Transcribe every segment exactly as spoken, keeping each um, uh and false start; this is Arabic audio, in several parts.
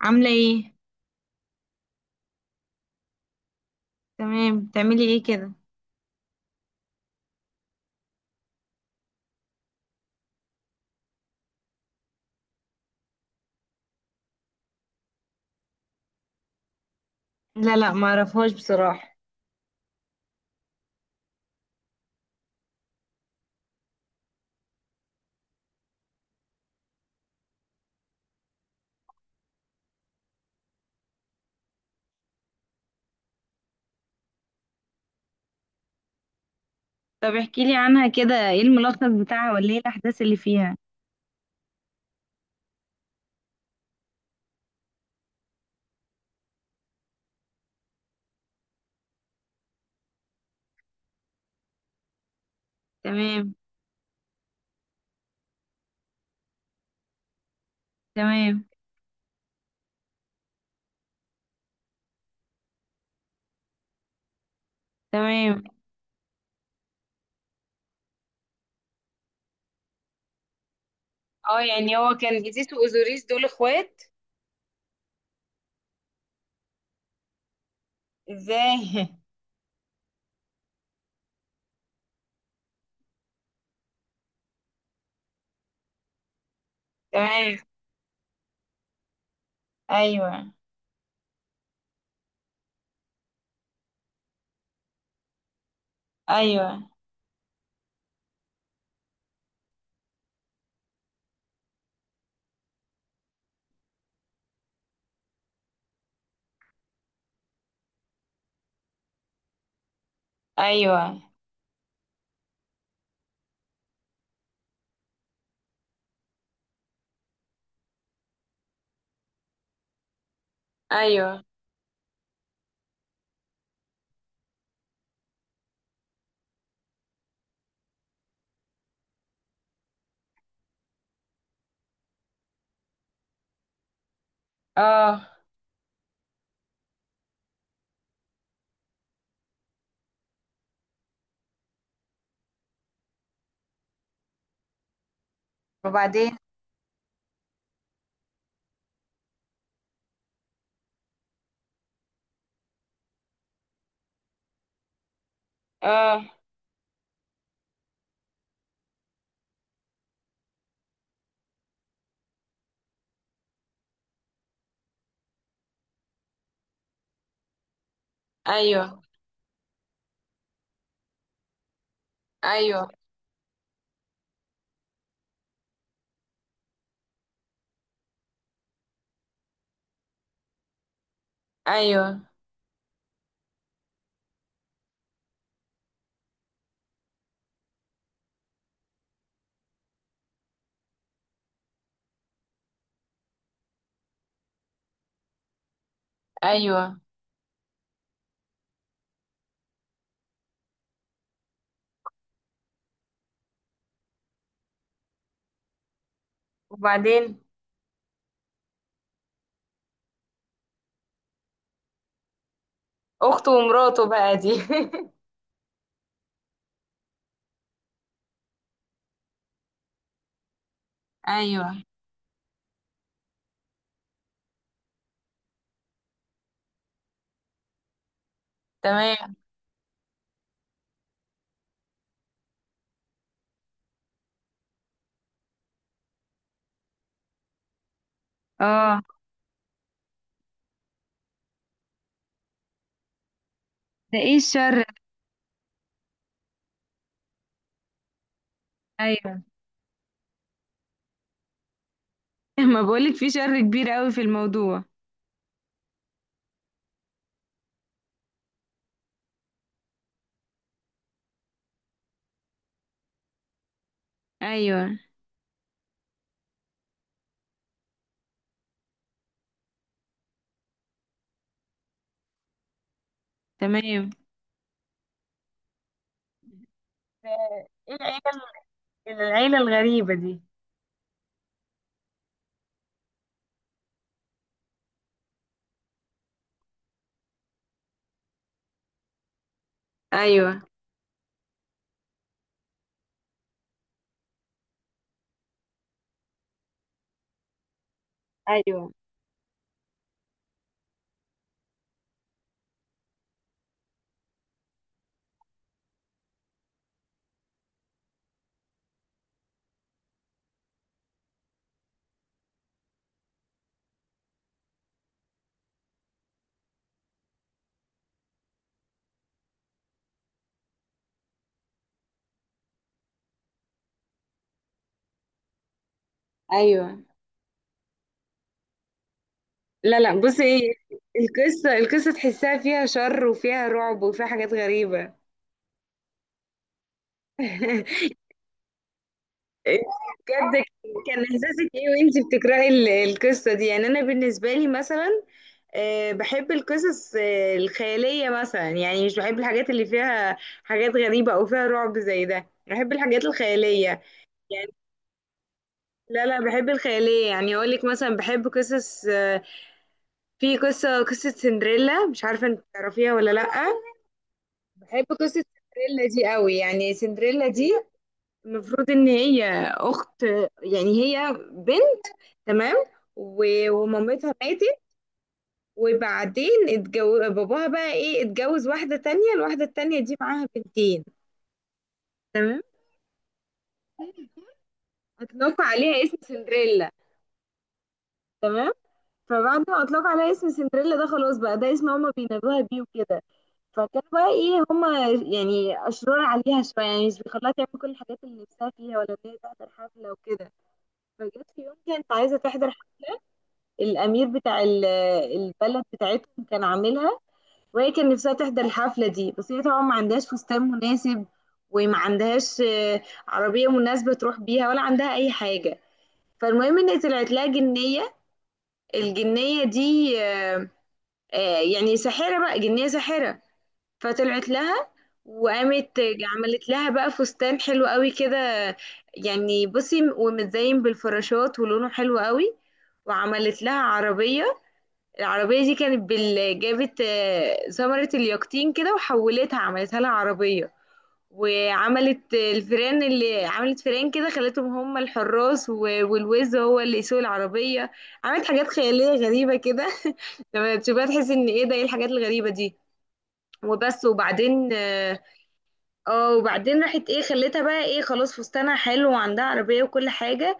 عاملة ايه؟ تمام، بتعملي ايه كده؟ لا لا، ما اعرفهاش بصراحة. طب احكي لي عنها كده، ايه الملخص بتاعها ولا ايه الاحداث اللي فيها؟ تمام. تمام. تمام. اه، يعني هو كان جيزيس واوزوريس دول اخوات؟ ازاي؟ تمام. ايوه. ايوه. ايوه. ايوه. اه. وبعدين؟ اه. ايوه. ايوه. ايوه. ايوه. وبعدين؟ اخته ومراته بقى دي؟ ايوه. تمام. اه. ده ايه الشر ده؟ ايوه. ما بقولك في شر كبير قوي في الموضوع. ايوه. تمام. ف- ايه العيلة العيلة الغريبة دي؟ ايوه. ايوه. ايوه. لا لا، بصي ايه، القصه القصه تحسها فيها شر وفيها رعب وفيها حاجات غريبه. إيه، بجد؟ كان احساسك ايه وانتي بتقراي ال- القصه دي؟ يعني انا بالنسبه لي مثلا آه، بحب القصص آه، الخياليه مثلا، يعني مش بحب الحاجات اللي فيها حاجات غريبه او فيها رعب زي ده، بحب الحاجات الخياليه يعني. لا لا، بحب الخياليه، يعني اقول لك مثلا بحب قصص، آه، في قصه قصه سندريلا، مش عارفه انت تعرفيها ولا لا. بحب قصه سندريلا دي قوي. يعني سندريلا دي المفروض ان هي اخت، يعني هي بنت، تمام، و- ومامتها ماتت، وبعدين اتجوز باباها بقى ايه، اتجوز واحدة تانية، الواحدة التانية دي معاها بنتين. تمام. اطلقوا عليها اسم سندريلا. تمام. فبعد ما اطلقوا عليها اسم سندريلا ده خلاص بقى ده اسم هما بينادوها بيه وكده، فكانوا بقى ايه، هما يعني اشرار عليها شويه، يعني مش بيخلوها تعمل كل الحاجات اللي نفسها فيها، ولا ان هي تحضر حفله وكده. فجت في يوم كانت عايزه تحضر ح- الامير بتاع ال- البلد بتاعتهم كان عاملها، وهي كان نفسها تحضر الحفلة دي، بس هي طبعا ما عندهاش فستان مناسب، وما عندهاش آه، عربية مناسبة تروح بيها، ولا عندها أي حاجة. فالمهم إن طلعت لها جنية. الجنية دي آه، آه، يعني ساحرة بقى، جنية ساحرة. فطلعت لها وقامت آه، عملت لها بقى فستان حلو قوي كده، يعني بصي، ومتزين بالفراشات ولونه حلو قوي. وعملت لها عربية. العربية دي كانت بال... جابت آه، ثمرة اليقطين كده وحولتها، عملتها لها عربية. وعملت آه، الفيران، اللي عملت فيران كده خلتهم هم الحراس، و... والوز هو اللي يسوق العربية. عملت حاجات خيالية غريبة كده. لما تشوفها تحس ان ايه ده، ايه الحاجات الغريبة دي. وبس. وبعدين اه، آه، وبعدين راحت ايه، خلتها بقى ايه، خلاص فستانها حلو وعندها عربية وكل حاجة،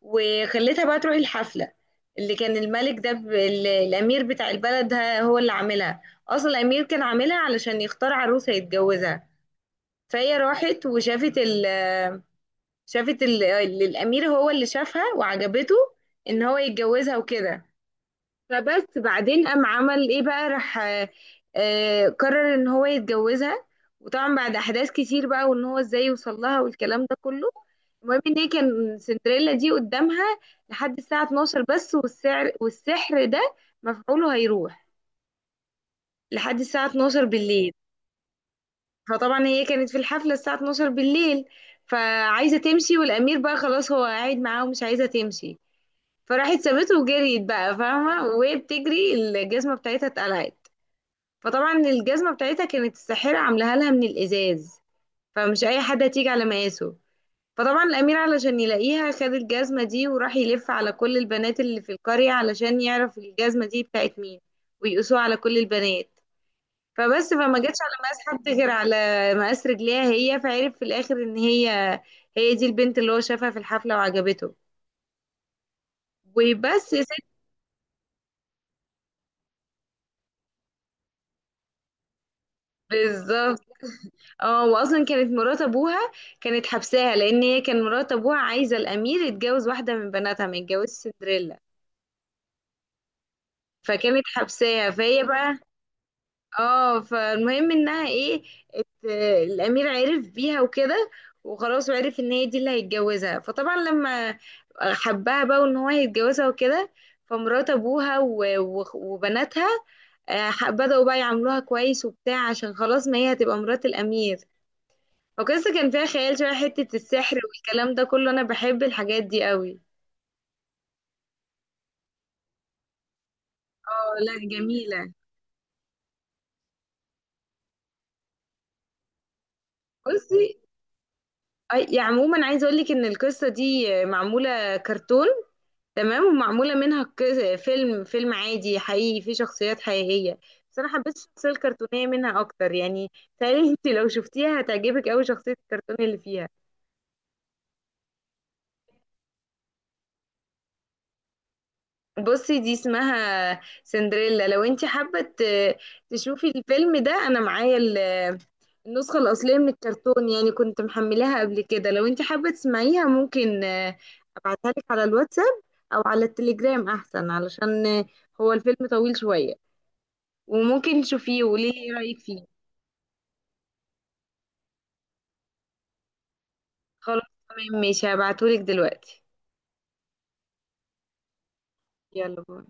وخليتها بقى تروح الحفلة، اللي كان الملك ده ب... ال- الأمير بتاع البلد ه- هو اللي عاملها. أصلا الأمير كان عاملها علشان يختار عروس هيتجوزها. فهي راحت وشافت ال... شافت ال... ال- الأمير هو اللي شافها وعجبته، إن هو يتجوزها وكده. فبس بعدين قام عمل ايه بقى، راح آه، آه، قرر ان هو يتجوزها. وطبعا بعد احداث كتير بقى، وان هو ازاي يوصل لها، والكلام ده كله. المهم ان هي كان سندريلا دي قدامها لحد الساعة اتناشر بس، والسعر والسحر ده مفعوله هيروح لحد الساعة اتناشر بالليل. فطبعا هي كانت في الحفلة الساعة اثنا عشر بالليل، فعايزة تمشي، والأمير بقى خلاص هو قاعد معاها ومش عايزة تمشي. فراحت سابته وجريت بقى فاهمة، وهي بتجري الجزمة بتاعتها اتقلعت. فطبعا الجزمة بتاعتها كانت الساحرة عاملاها لها من الإزاز، فمش أي حد هتيجي على مقاسه. فطبعا الأمير علشان يلاقيها خد الجزمة دي وراح يلف على كل البنات اللي في القرية، علشان يعرف الجزمة دي بتاعت مين، ويقيسوها على كل البنات. فبس، فما جاتش على مقاس حد غير على مقاس رجليها هي. فعرف في الآخر إن هي، هي دي البنت اللي هو شافها في الحفلة وعجبته. وبس يا ستي. بالظبط. اه، واصلا كانت مرات ابوها كانت حبساها، لان هي كان مرات ابوها عايزه الامير يتجوز واحده من بناتها، ما يتجوزش سندريلا. فكانت حبساها، فهي بقى، اه. فالمهم انها ايه، ات... الامير عرف بيها وكده، وخلاص، وعرف ان هي دي اللي هيتجوزها. فطبعا لما حبها بقى، وان هو هيتجوزها وكده، فمرات ابوها و... و... وبناتها آه، بدأوا بقى يعاملوها كويس وبتاع، عشان خلاص ما هي هتبقى مرات الامير. وقصة كان فيها خيال شوية، حتة السحر والكلام ده كله، أنا بحب الحاجات دي قوي. اه. لا جميلة. بصي، أي- يعني عموما عايزة أقولك إن القصة دي معمولة كرتون، تمام، ومعمولة منها قص- فيلم، فيلم عادي حقيقي فيه شخصيات حقيقية، بس أنا حبيت الشخصية الكرتونية منها أكتر يعني. تهيألي أنت لو شفتيها هتعجبك أوي شخصية الكرتون اللي فيها. بصي دي اسمها سندريلا، لو انت حابة ت- تشوفي الفيلم ده، انا معايا ال- النسخة الأصلية من الكرتون، يعني كنت محملاها قبل كده، لو انت حابة تسمعيها ممكن آه، ابعتها لك على الواتساب، او على التليجرام احسن، علشان آه، هو الفيلم طويل شوية، وممكن تشوفيه وقولي لي ايه رأيك فيه. خلاص. تمام، ماشي، هبعتهولك دلوقتي. يلا باي.